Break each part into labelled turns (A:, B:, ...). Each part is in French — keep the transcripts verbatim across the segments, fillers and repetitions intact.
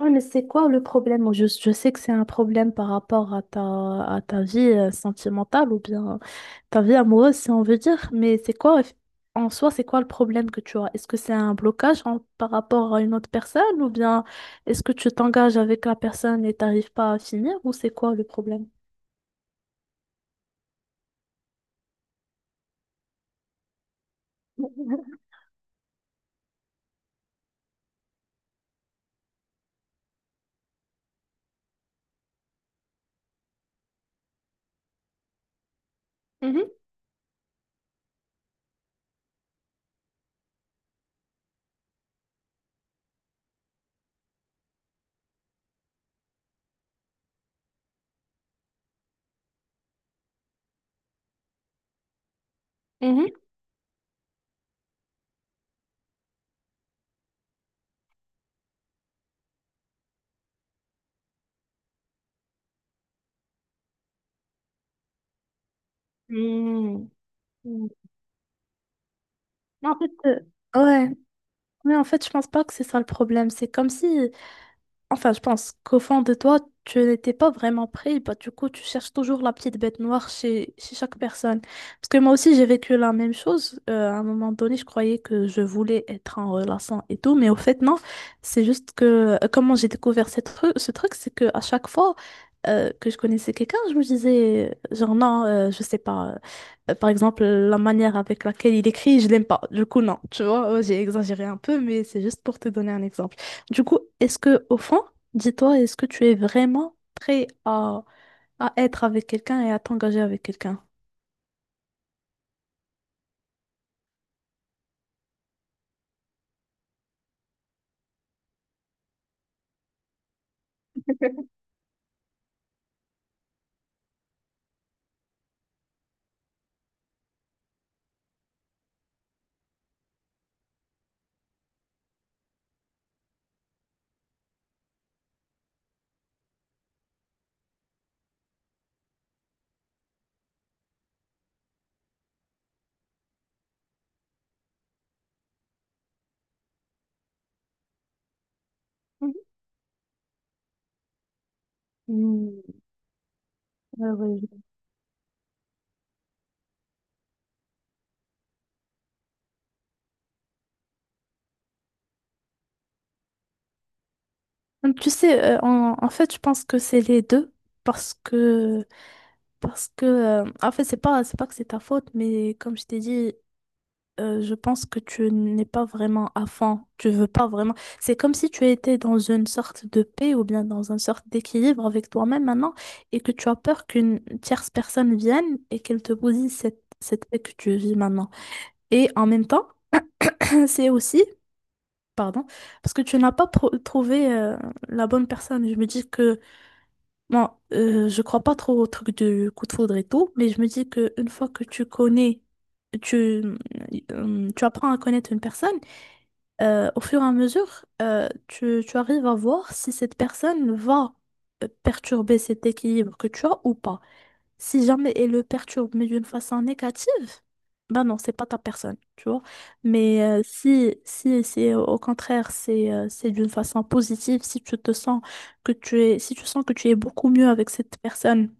A: Ouais, mais c'est quoi le problème? Je, je sais que c'est un problème par rapport à ta, à ta vie euh, sentimentale ou bien ta vie amoureuse, si on veut dire, mais c'est quoi eff- en soi, c'est quoi le problème que tu as? Est-ce que c'est un blocage en- par rapport à une autre personne ou bien est-ce que tu t'engages avec la personne et t'arrives pas à finir ou c'est quoi le problème? Mhm, mhm. Mm. Mais en fait, euh, ouais, mais en fait, je pense pas que c'est ça le problème. C'est comme si, enfin, je pense qu'au fond de toi, tu n'étais pas vraiment pris. Bah, du coup, tu cherches toujours la petite bête noire chez, chez chaque personne. Parce que moi aussi, j'ai vécu la même chose. Euh, à un moment donné, je croyais que je voulais être en relation et tout. Mais au fait, non. C'est juste que euh, comment j'ai découvert cette tru- ce truc, c'est que à chaque fois euh, que je connaissais quelqu'un, je me disais, euh, genre, non, euh, je sais pas. Euh, par exemple, la manière avec laquelle il écrit, je l'aime pas. Du coup, non. Tu vois, euh, j'ai exagéré un peu, mais c'est juste pour te donner un exemple. Du coup, est-ce que, au fond, dis-toi, est-ce que tu es vraiment prêt à, à être avec quelqu'un et à t'engager avec quelqu'un? Hmm, ouais, ouais, je- Hum, tu sais, euh, en, en fait, je pense que c'est les deux parce que, parce que, euh, en fait, c'est pas, c'est pas que c'est ta faute, mais comme je t'ai dit, euh, je pense que tu n'es pas vraiment à fond, tu veux pas vraiment. C'est comme si tu étais dans une sorte de paix ou bien dans une sorte d'équilibre avec toi-même maintenant et que tu as peur qu'une tierce personne vienne et qu'elle te bousille cette, cette paix que tu vis maintenant. Et en même temps, c'est aussi, pardon, parce que tu n'as pas pro- trouvé euh, la bonne personne. Je me dis que, bon, euh, je crois pas trop au truc du coup de foudre et tout, mais je me dis que une fois que tu connais, tu, euh, tu apprends à connaître une personne, euh, au fur et à mesure, euh, tu, tu arrives à voir si cette personne va euh, perturber cet équilibre que tu as ou pas. Si jamais elle le perturbe, mais d'une façon négative, ben non, c'est pas ta personne, tu vois. Mais euh, si, si, si euh, au contraire, c'est euh, c'est d'une façon positive, si tu te sens que tu es, si tu sens que tu es beaucoup mieux avec cette personne,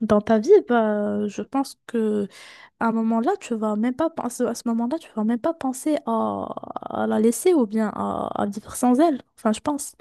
A: dans ta vie, bah, je pense que à un moment-là, tu vas même pas penser, à ce moment-là, tu vas même pas penser à, à la laisser ou bien à, à vivre sans elle. Enfin, je pense.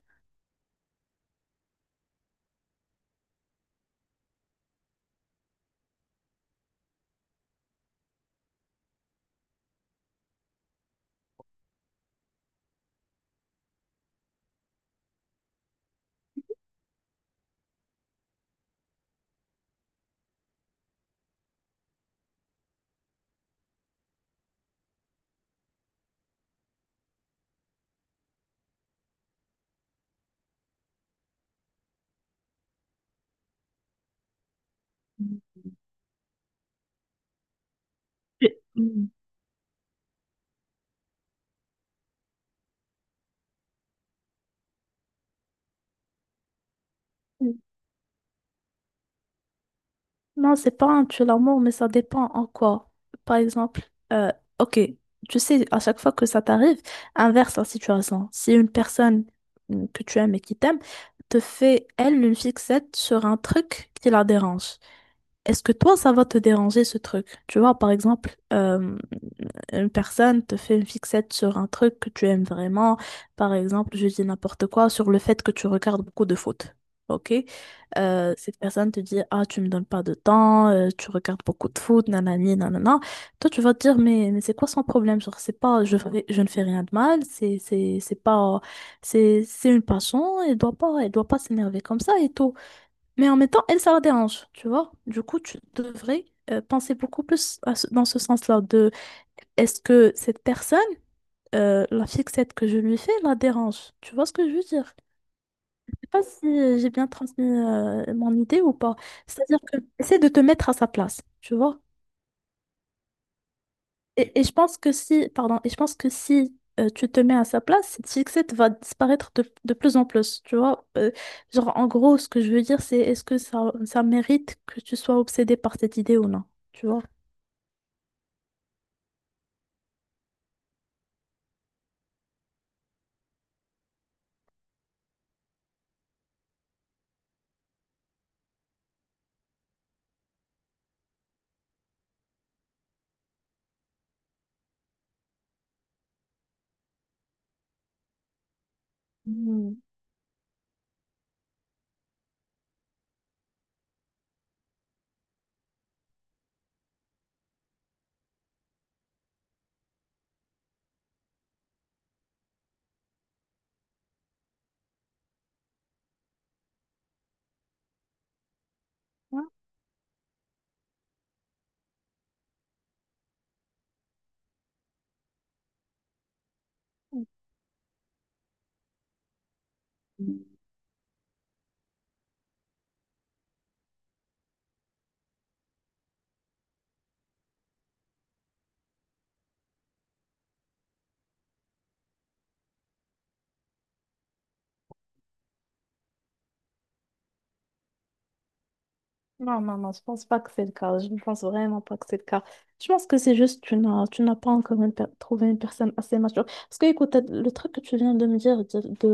A: Mm. Mm. Non, c'est pas un tue l'amour, mais ça dépend en quoi. Par exemple, euh, ok, tu sais, à chaque fois que ça t'arrive, inverse la situation. Si une personne mm, que tu aimes et qui t'aime te fait, elle, une fixette sur un truc qui la dérange, est-ce que toi, ça va te déranger ce truc? Tu vois, par exemple, euh, une personne te fait une fixette sur un truc que tu aimes vraiment, par exemple, je dis n'importe quoi, sur le fait que tu regardes beaucoup de foot. Ok? Euh, cette personne te dit, ah, tu me donnes pas de temps, euh, tu regardes beaucoup de foot, nanani, nanana. Toi, tu vas te dire, mais, mais c'est quoi son problème? Genre, c'est pas, je, fais- je ne fais rien de mal, c'est, c'est, c'est pas, c'est, c'est une passion, elle doit pas, elle doit pas s'énerver comme ça et tout. Mais en même temps, elle, ça la dérange, tu vois? Du coup, tu devrais euh, penser beaucoup plus à ce- dans ce sens-là de est-ce que cette personne, euh, la fixette que je lui fais, la dérange? Tu vois ce que je veux dire? Je sais pas si j'ai bien transmis euh, mon idée ou pas. C'est-à-dire que essaie de te mettre à sa place, tu vois? Et, et je pense que si, pardon, et je pense que si euh, tu te mets à sa place, cette fixette va disparaître de, de plus en plus, tu vois? Euh, genre, en gros, ce que je veux dire, c'est est-ce que ça, ça mérite que tu sois obsédé par cette idée ou non? Tu vois? Mhm. Non, non, non, je pense pas que c'est le cas. Je ne pense vraiment pas que c'est le cas. Je pense que c'est juste que tu n'as tu n'as pas encore une per- trouvé une personne assez mature. Parce que, écoute, le truc que tu viens de me dire, de, de,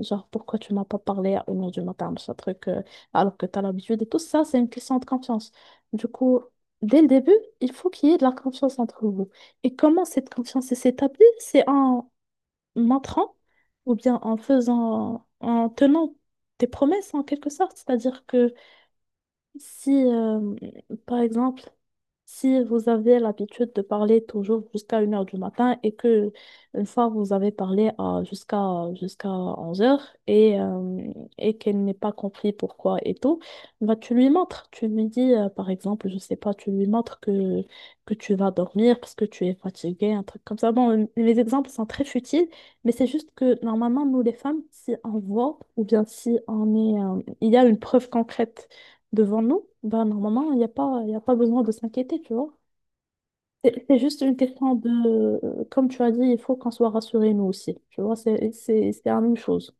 A: euh, genre, pourquoi tu m'as pas parlé à une heure du matin, ce truc, euh, alors que tu as l'habitude et tout ça, c'est une question de confiance. Du coup, dès le début, il faut qu'il y ait de la confiance entre vous. Et comment cette confiance s'établit? C'est en montrant ou bien en faisant, en tenant tes promesses en quelque sorte. C'est-à-dire que si, euh, par exemple, si vous avez l'habitude de parler toujours jusqu'à une heure du matin et que une fois vous avez parlé à, jusqu'à jusqu'à onze heures et, euh, et qu'elle n'est pas compris pourquoi et tout, bah, tu lui montres. Tu lui dis, euh, par exemple, je sais pas, tu lui montres que, que tu vas dormir parce que tu es fatigué, un truc comme ça. Bon, les exemples sont très futiles, mais c'est juste que normalement, nous les femmes, si on voit ou bien si on est, euh, il y a une preuve concrète devant nous, bah, normalement, il n'y a pas, il y a pas besoin de s'inquiéter, tu vois. C'est c'est juste une question de, euh, comme tu as dit, il faut qu'on soit rassurés nous aussi, tu vois, c'est, c'est, c'est la même chose.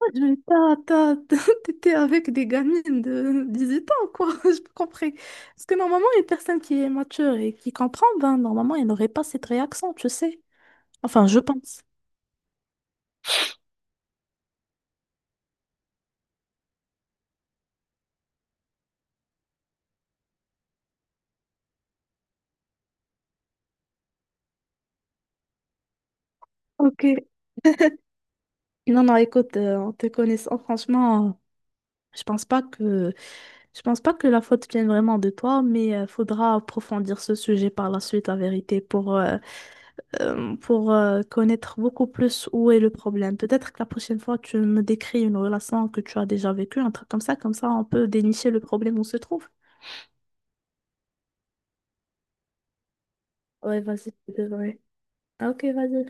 A: Ah, mais t'as- t'as- T'étais avec des gamines de dix-huit ans, quoi. Je comprends. Parce que normalement, une personne qui est mature et qui comprend, ben, normalement, elle n'aurait pas cette réaction, tu sais. Enfin, je pense. Ok. Non, non, écoute, euh, en te connaissant, franchement, je pense pas que je pense pas que la faute vienne vraiment de toi, mais euh, faudra approfondir ce sujet par la suite, la vérité, pour, euh, euh, pour euh, connaître beaucoup plus où est le problème. Peut-être que la prochaine fois, tu me décris une relation que tu as déjà vécue, un truc comme ça, comme ça, on peut dénicher le problème où se trouve. Ouais, vas-y, c'est vrai. Ah, ok, vas-y.